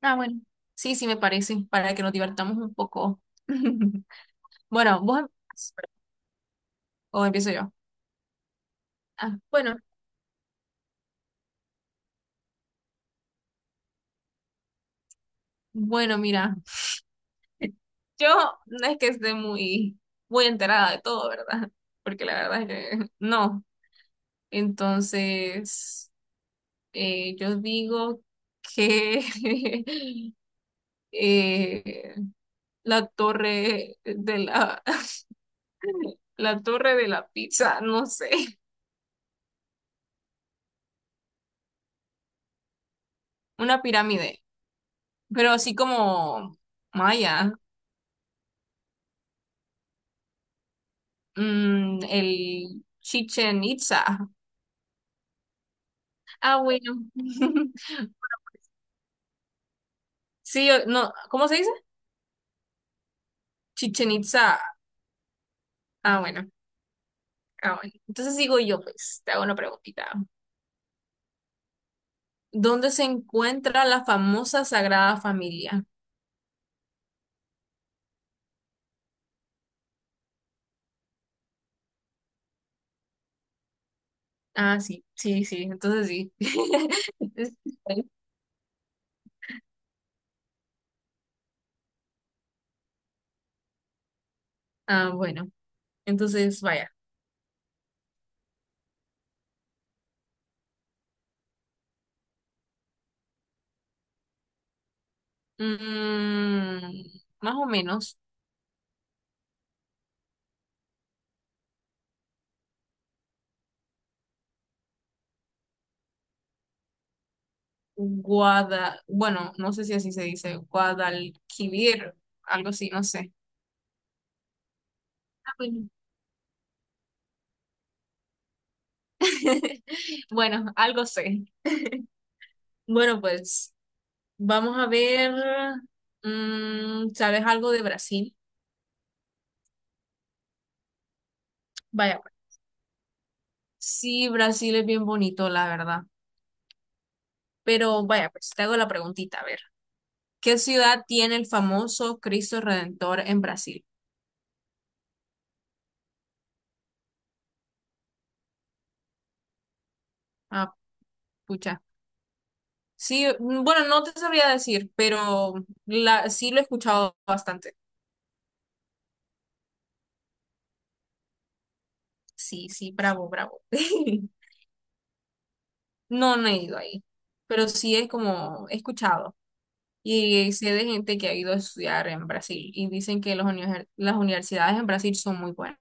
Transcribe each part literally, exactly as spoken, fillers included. Ah, bueno. Sí, sí, me parece, para que nos divertamos un poco. Bueno, vos em- o empiezo yo. Ah, bueno, bueno, mira, yo no es que esté muy, muy enterada de todo, ¿verdad? Porque la verdad es que no. Entonces, eh, yo digo que eh, la torre de la, la torre de la pizza, no sé, una pirámide, pero así como maya. Mm, el Chichen Itza. Ah, bueno. Sí, o- no, ¿cómo se dice? Chichen Itza. Ah, bueno. Ah, bueno. Entonces digo yo, pues, te hago una preguntita. ¿Dónde se encuentra la famosa Sagrada Familia? Ah, sí, sí, sí. Entonces sí. Ah, bueno. Entonces, vaya. Mm, más o menos. Guada, bueno, no sé si así se dice, Guadalquivir, algo así, no sé. Bueno, algo sé. Bueno, pues vamos a ver, mm, ¿sabes algo de Brasil? Vaya, pues. Sí, Brasil es bien bonito, la verdad. Pero vaya, pues te hago la preguntita, a ver. ¿Qué ciudad tiene el famoso Cristo Redentor en Brasil? Ah, pucha. Sí, mm, bueno, no te sabría decir, pero la, sí lo he escuchado bastante. Sí, sí, bravo, bravo. No, no he ido ahí, pero sí es como he escuchado. Y sé de gente que ha ido a estudiar en Brasil y dicen que los univer- las universidades en Brasil son muy buenas.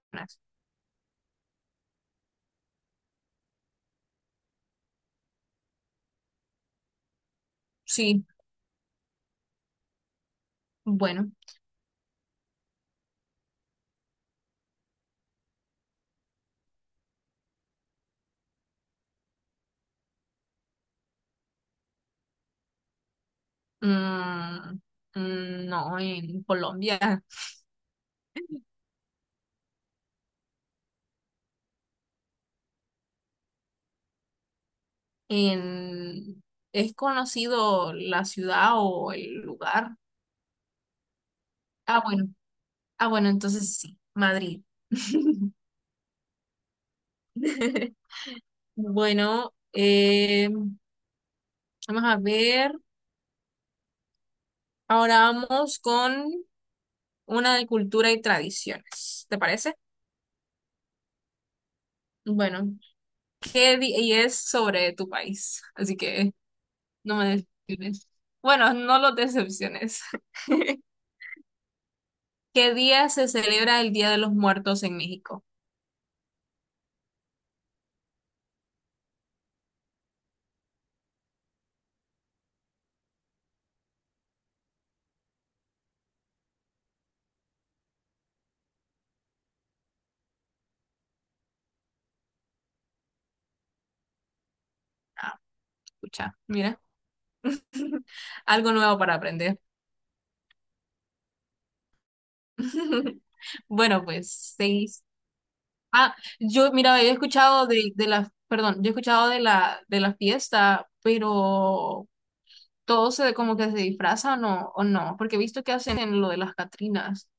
Sí, bueno, mm, mm, no, en Colombia en, es conocido la ciudad o el lugar. Ah, bueno, ah, bueno, entonces sí, Madrid. Bueno, eh, vamos a ver. Ahora vamos con una de cultura y tradiciones. ¿Te parece? Bueno. que di- y es sobre tu país, así que no me decepciones. Bueno, no los decepciones. ¿Qué día se celebra el Día de los Muertos en México? Ah, escucha, mira, algo nuevo para aprender. Bueno, pues seis. Ah, yo, mira, había escuchado de, de la, perdón, yo he escuchado de la, de la fiesta, pero todo se como que se disfrazan o, no, o no, porque he visto que hacen lo de las Catrinas.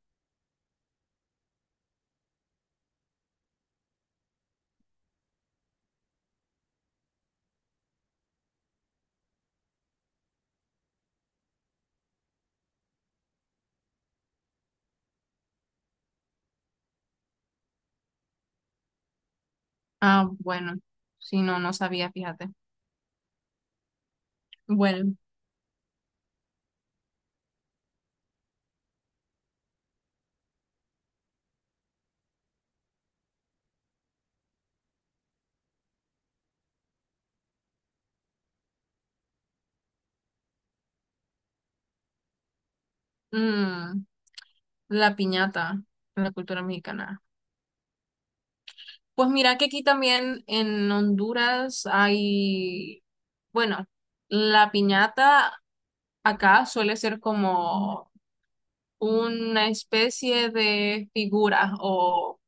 Ah, bueno, sí, no, no sabía, fíjate. Bueno, mm, la piñata, en la cultura mexicana. Pues mira que aquí también en Honduras hay, bueno, la piñata acá suele ser como una especie de figura o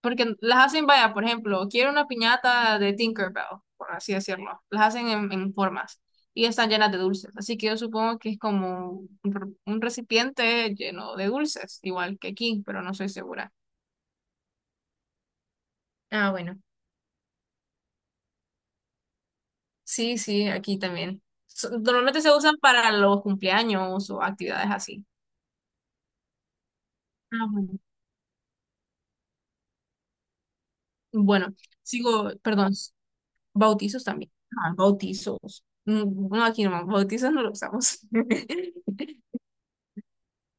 porque las hacen, vaya, por ejemplo, quiero una piñata de Tinkerbell, por así decirlo. Las hacen en, en formas y están llenas de dulces. Así que yo supongo que es como un, re- un recipiente lleno de dulces, igual que aquí, pero no soy segura. Ah, bueno. Sí, sí, aquí también. So- Normalmente se usan para los cumpleaños o actividades así. Ah, bueno. Bueno, sigo, perdón. Bautizos también. Ajá, bautizos. Mm, bueno, aquí no, bautizos no lo usamos.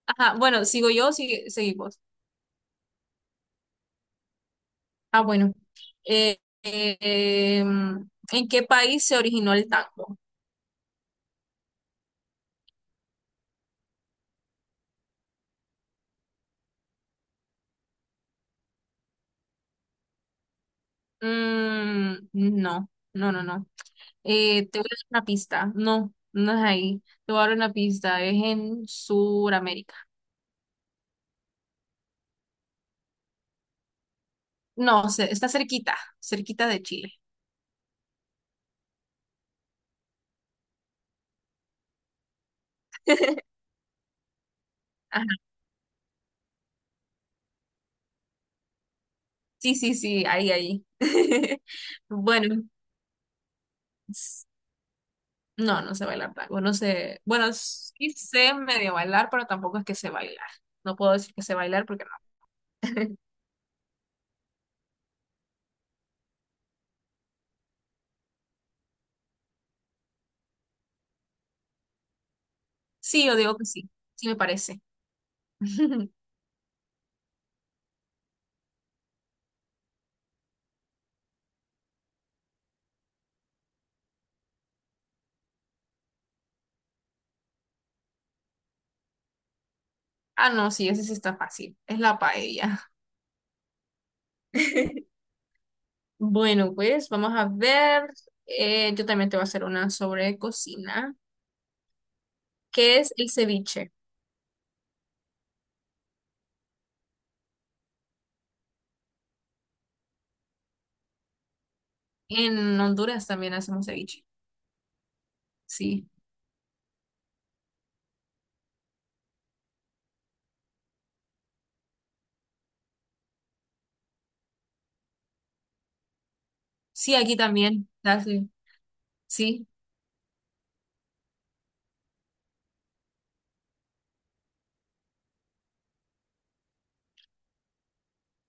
Ajá, bueno, sigo yo, sigue, seguimos. Ah, bueno. Eh, eh, em, ¿en qué país se originó el tango? Mm, no, no, no, no. Eh, te voy a dar una pista. No, no es ahí. Te voy a dar una pista. Es en Sudamérica. No, se- está cerquita, cerquita de Chile. Ajá, sí, sí, sí, ahí, ahí. Bueno. No, no sé bailar tango, no sé. Bueno, sí sé medio bailar, pero tampoco es que sé bailar. No puedo decir que sé bailar porque no. Sí, yo digo que sí, sí me parece. Ah, no, sí, ese sí está fácil. Es la paella. Bueno, pues vamos a ver. Eh, yo también te voy a hacer una sobre cocina, que es el ceviche. En Honduras también hacemos ceviche. Sí. Sí, aquí también. Así. Sí.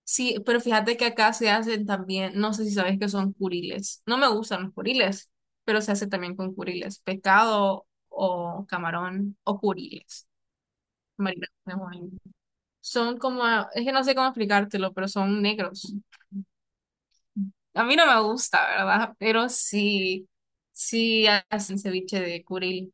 Sí, pero fíjate que acá se hacen también, no sé si sabes que son curiles. No me gustan los curiles, pero se hace también con curiles, pescado o camarón o curiles. Marinado, tenemos ahí. Son como, es que no sé cómo explicártelo, pero son negros. A mí no me gusta, ¿verdad? Pero sí, sí hacen ceviche de curil.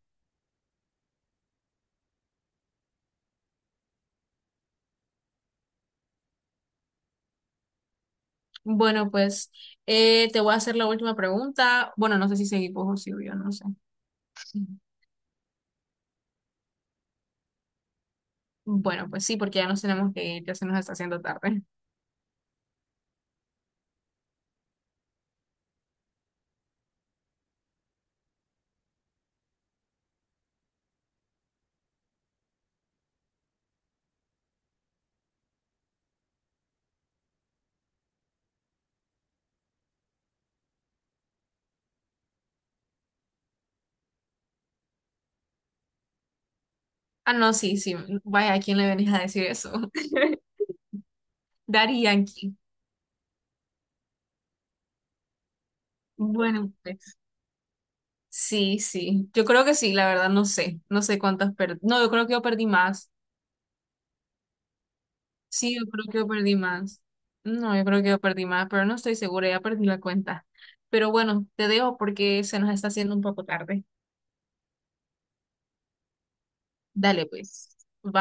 Bueno, pues eh, te voy a hacer la última pregunta. Bueno, no sé si seguimos o si yo no sé. Bueno, pues sí, porque ya nos tenemos que ir, ya se nos está haciendo tarde. Ah, no, sí, sí. Mm, vaya, ¿a quién le venís a decir eso? Daddy Yankee. Bueno, pues. Sí, sí. Yo creo que sí, la verdad, no sé. No sé cuántas perdí. No, yo creo que yo perdí más. Sí, yo creo que yo perdí más. No, yo creo que yo perdí más, pero no estoy segura, ya perdí la cuenta. Pero bueno, te dejo porque se nos está haciendo un poco tarde. Dale, pues. Bye.